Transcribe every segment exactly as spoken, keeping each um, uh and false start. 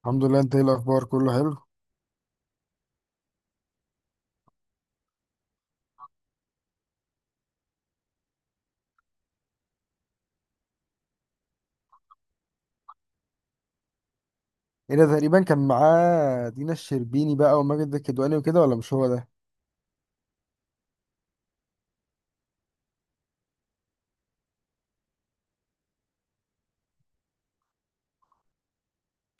الحمد لله، انت ايه الاخبار؟ كله حلو. ايه ده؟ تقريبا كان معاه دينا الشربيني بقى وماجد الكدواني وكده، ولا مش هو ده؟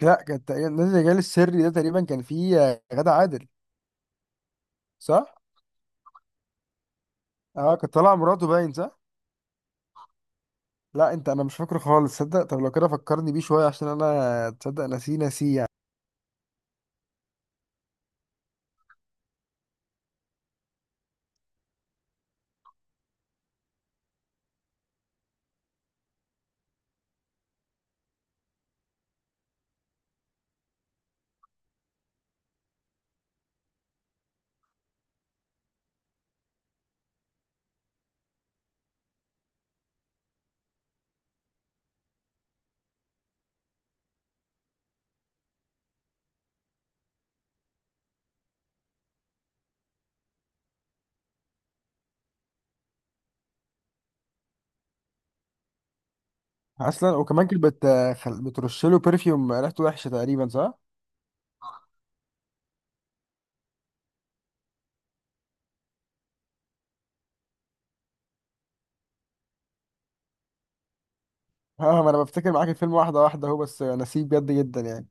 لا، كان تقريبا نادي الرجال السري ده تقريبا كان فيه آه، غادة عادل. صح. اه كان طالع مراته باين، صح. لا انت، انا مش فاكره خالص صدق. طب لو كده فكرني بيه شويه، عشان انا تصدق نسيه نسيه يعني. اصلا وكمان كانت بت... خل- بترش له برفيوم ريحته وحشه، تقريبا صح. اه ما انا بفتكر معاك الفيلم واحده واحده اهو، بس نسيه بجد جدا يعني.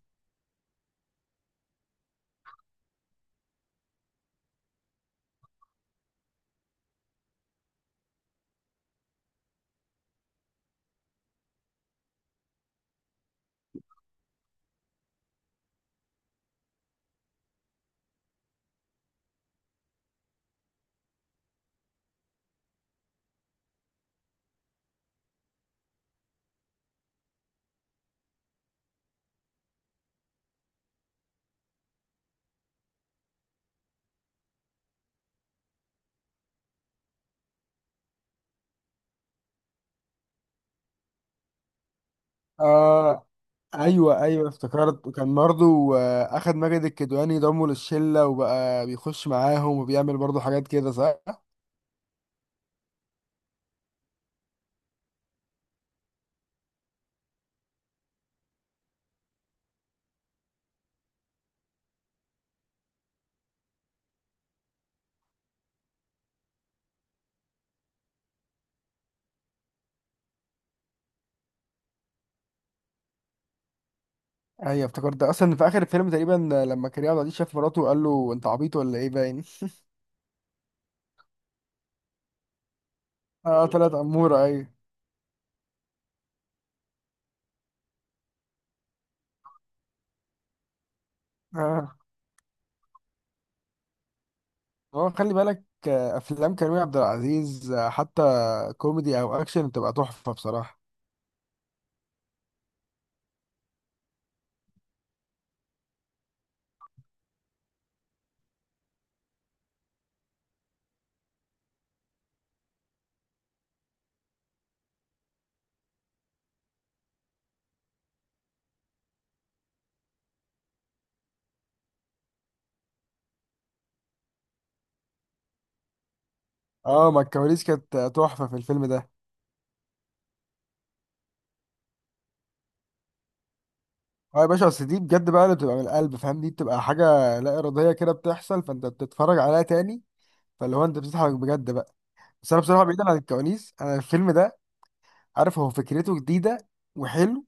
آه ايوه ايوه، افتكرت. وكان برضه آه، اخد ماجد الكدواني ضمه للشله وبقى بيخش معاهم وبيعمل برضه حاجات كده، صح. ايوه افتكرت. اصلا في اخر الفيلم تقريبا، آه، لما كريم عبد العزيز شاف مراته وقال له انت عبيط ولا ايه، باين. اه طلعت اموره، ايوه. اه، هو خلي بالك آه، افلام كريم عبد العزيز آه، حتى كوميدي او اكشن بتبقى تحفه بصراحه. اه، ما الكواليس كانت آه، تحفه في الفيلم ده. اه يا باشا، اصل دي بجد بقى اللي بتبقى من القلب، فاهم؟ دي بتبقى حاجه لا اراديه كده بتحصل، فانت بتتفرج عليها تاني. فاللي هو انت بتضحك بجد بقى. بس انا بصراحه بعيدا عن الكواليس، انا الفيلم ده عارف هو فكرته جديده وحلو،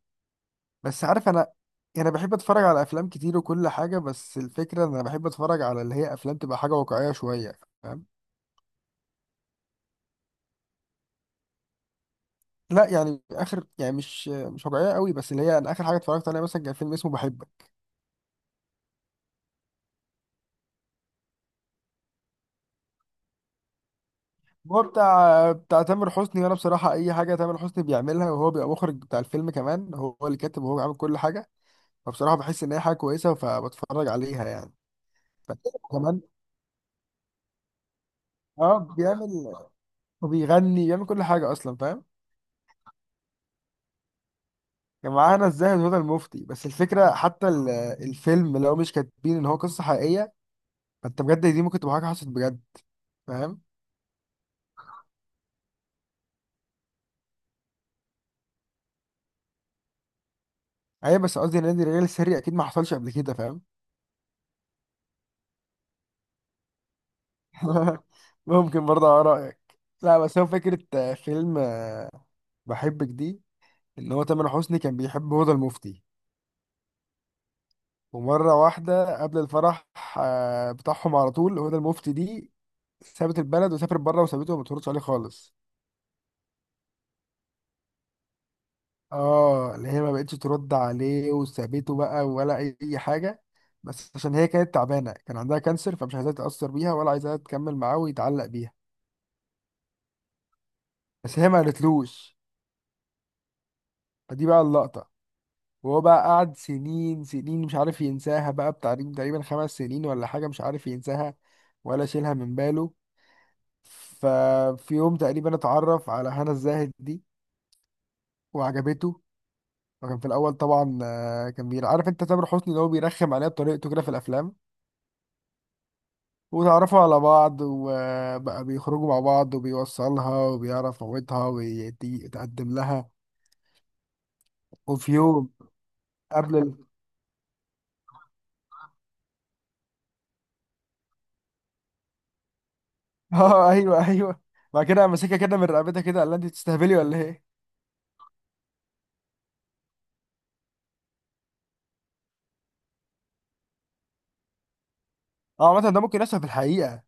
بس عارف انا انا بحب اتفرج على افلام كتير وكل حاجه، بس الفكره ان انا بحب اتفرج على اللي هي افلام تبقى حاجه واقعيه شويه، فاهم؟ لا يعني اخر يعني مش مش واقعيه قوي، بس اللي هي انا اخر حاجه اتفرجت عليها مثلا كان فيلم اسمه بحبك. هو بتاع بتاع تامر حسني، وانا بصراحه اي حاجه تامر حسني بيعملها وهو بيبقى مخرج بتاع الفيلم كمان، هو اللي كاتب وهو عامل كل حاجه. فبصراحه بحس ان هي حاجه كويسه فبتفرج عليها يعني. كمان اه بيعمل وبيغني، بيعمل كل حاجة أصلا، فاهم؟ كان معانا الزاهد هدى المفتي. بس الفكرة حتى ال- الفيلم لو مش كاتبين إن هو قصة حقيقية، فأنت بجد دي ممكن تبقى حاجة حصلت بجد، فاهم؟ أيوة، بس قصدي نادي الرجال السري أكيد ما حصلش قبل كده، فاهم؟ ممكن برضه على رأيك. لا، بس هو فكرة آه، فيلم آه، بحبك دي، إن هو تامر حسني كان بيحب هدى المفتي. ومرة واحدة قبل الفرح آه، بتاعهم، على طول هدى المفتي دي سابت البلد وسافرت بره وسابته وما بتردش عليه خالص. اه اللي هي ما بقتش ترد عليه وسابته بقى، ولا اي حاجه. بس عشان هي كانت تعبانه، كان عندها كانسر، فمش عايزاه يتاثر بيها ولا عايزاه تكمل معاه ويتعلق بيها، بس هي ما قالتلوش. فدي بقى اللقطه. وهو بقى قعد سنين سنين مش عارف ينساها بقى، بتاع تقريبا خمس سنين ولا حاجه، مش عارف ينساها ولا شيلها من باله. ففي يوم تقريبا اتعرف على هنا الزاهد دي وعجبته. وكان في الاول طبعا آه، كان بير عارف انت تامر حسني اللي هو بيرخم عليها بطريقته كده في الافلام. وتعرفوا على بعض وبقى بيخرجوا مع بعض وبيوصلها وبيعرف موتها ويتقدم لها. وفي يوم قبل ال... اه ايوه ايوه، بعد كده قام ماسكها كده من رقبتها كده، قال لها انت بتستهبلي ولا ايه؟ اه مثلا ده ممكن يحصل في الحقيقه.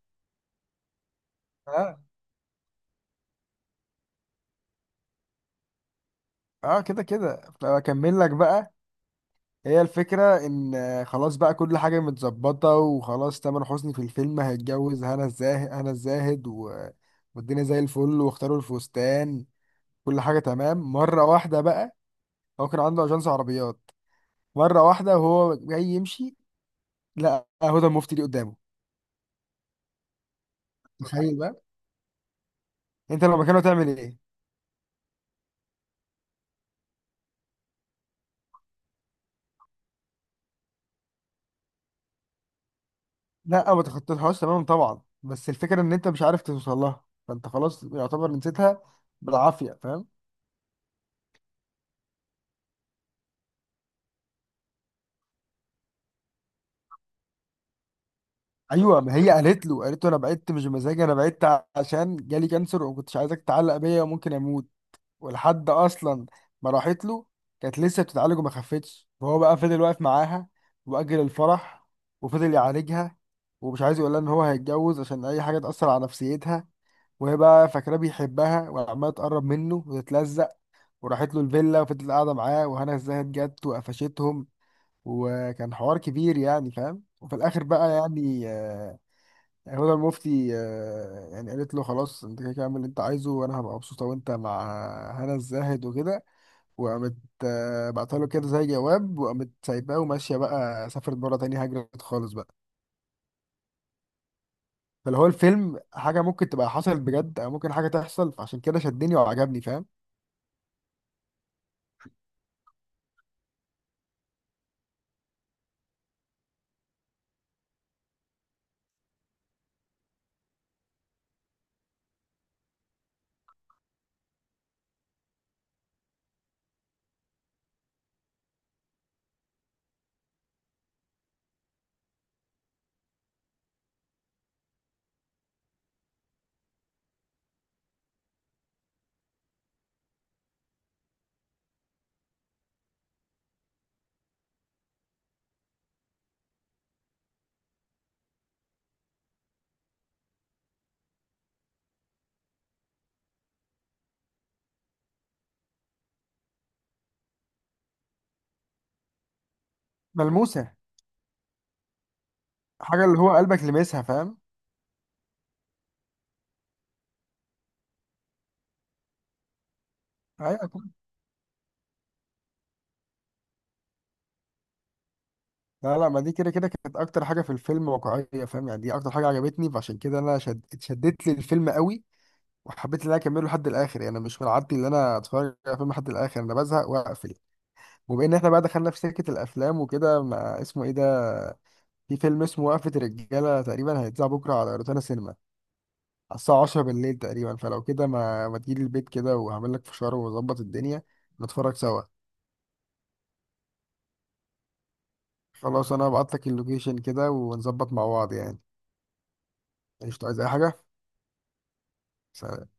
اه. اه كده كده اكمل لك بقى. هي الفكره ان آه، خلاص بقى كل حاجه متظبطه، وخلاص تامر حسني في الفيلم هيتجوز هنا الزاهد، هنا الزاهد و... والدنيا زي الفل، واختاروا الفستان، كل حاجه تمام. مره واحده بقى هو كان عنده اجنس عربيات، مره واحده وهو جاي يمشي، لا هدى المفتي دي قدامه. تخيل بقى، انت لو مكانه تعمل ايه؟ لا ما تخطيتهاش تماما طبعا، بس الفكره ان انت مش عارف توصل لها، فانت خلاص يعتبر نسيتها بالعافيه، فاهم؟ ايوه، ما هي قالت له، قالت له انا بعدت مش بمزاجي، انا بعدت عشان جالي كانسر وما كنتش عايزك تتعلق بيا وممكن اموت. ولحد اصلا ما راحت له كانت لسه بتتعالج وما خفتش، فهو بقى فضل واقف معاها واجل الفرح وفضل يعالجها، ومش عايز يقول لها ان هو هيتجوز عشان اي حاجه تاثر على نفسيتها. وهي بقى فاكراه بيحبها وعماله تقرب منه وتتلزق، وراحت له الفيلا وفضلت قاعده معاه، وهنا ازاي جت وقفشتهم. وكان حوار كبير يعني، فاهم؟ وفي الاخر بقى يعني آه، هدى المفتي آه، يعني قالت له خلاص انت كده كده اعمل اللي انت عايزه، وانا هبقى مبسوطه وانت مع هنا الزاهد وكده. وقامت آه، بعتها له كده زي جواب، وقامت سايباه وماشيه بقى، سافرت بره تاني، هجرت خالص بقى. فاللي هو الفيلم حاجه ممكن تبقى حصلت بجد او ممكن حاجه تحصل، فعشان كده شدني وعجبني، فاهم؟ ملموسه. حاجه اللي هو قلبك لمسها، فاهم؟ ايوه كده. لا لا، ما دي كده كده كانت اكتر حاجه في الفيلم واقعيه، فاهم يعني؟ دي اكتر حاجه عجبتني، فعشان كده انا شد... اتشدت لي الفيلم قوي وحبيت ان انا اكمله لحد الاخر. يعني انا مش من عادتي ان انا اتفرج على فيلم لحد الاخر، انا بزهق واقفل. وبما ان احنا بقى دخلنا في سكه الافلام وكده، ما اسمه ايه ده، في فيلم اسمه وقفة الرجالة تقريبا هيتذاع بكرة على روتانا سينما على الساعة عشرة بالليل تقريبا، فلو كده ما, ما تجيلي البيت كده وهعمل لك فشار وأظبط الدنيا نتفرج سوا. خلاص أنا هبعت لك اللوكيشن كده ونظبط مع بعض يعني. مش عايز أي حاجة. سلام.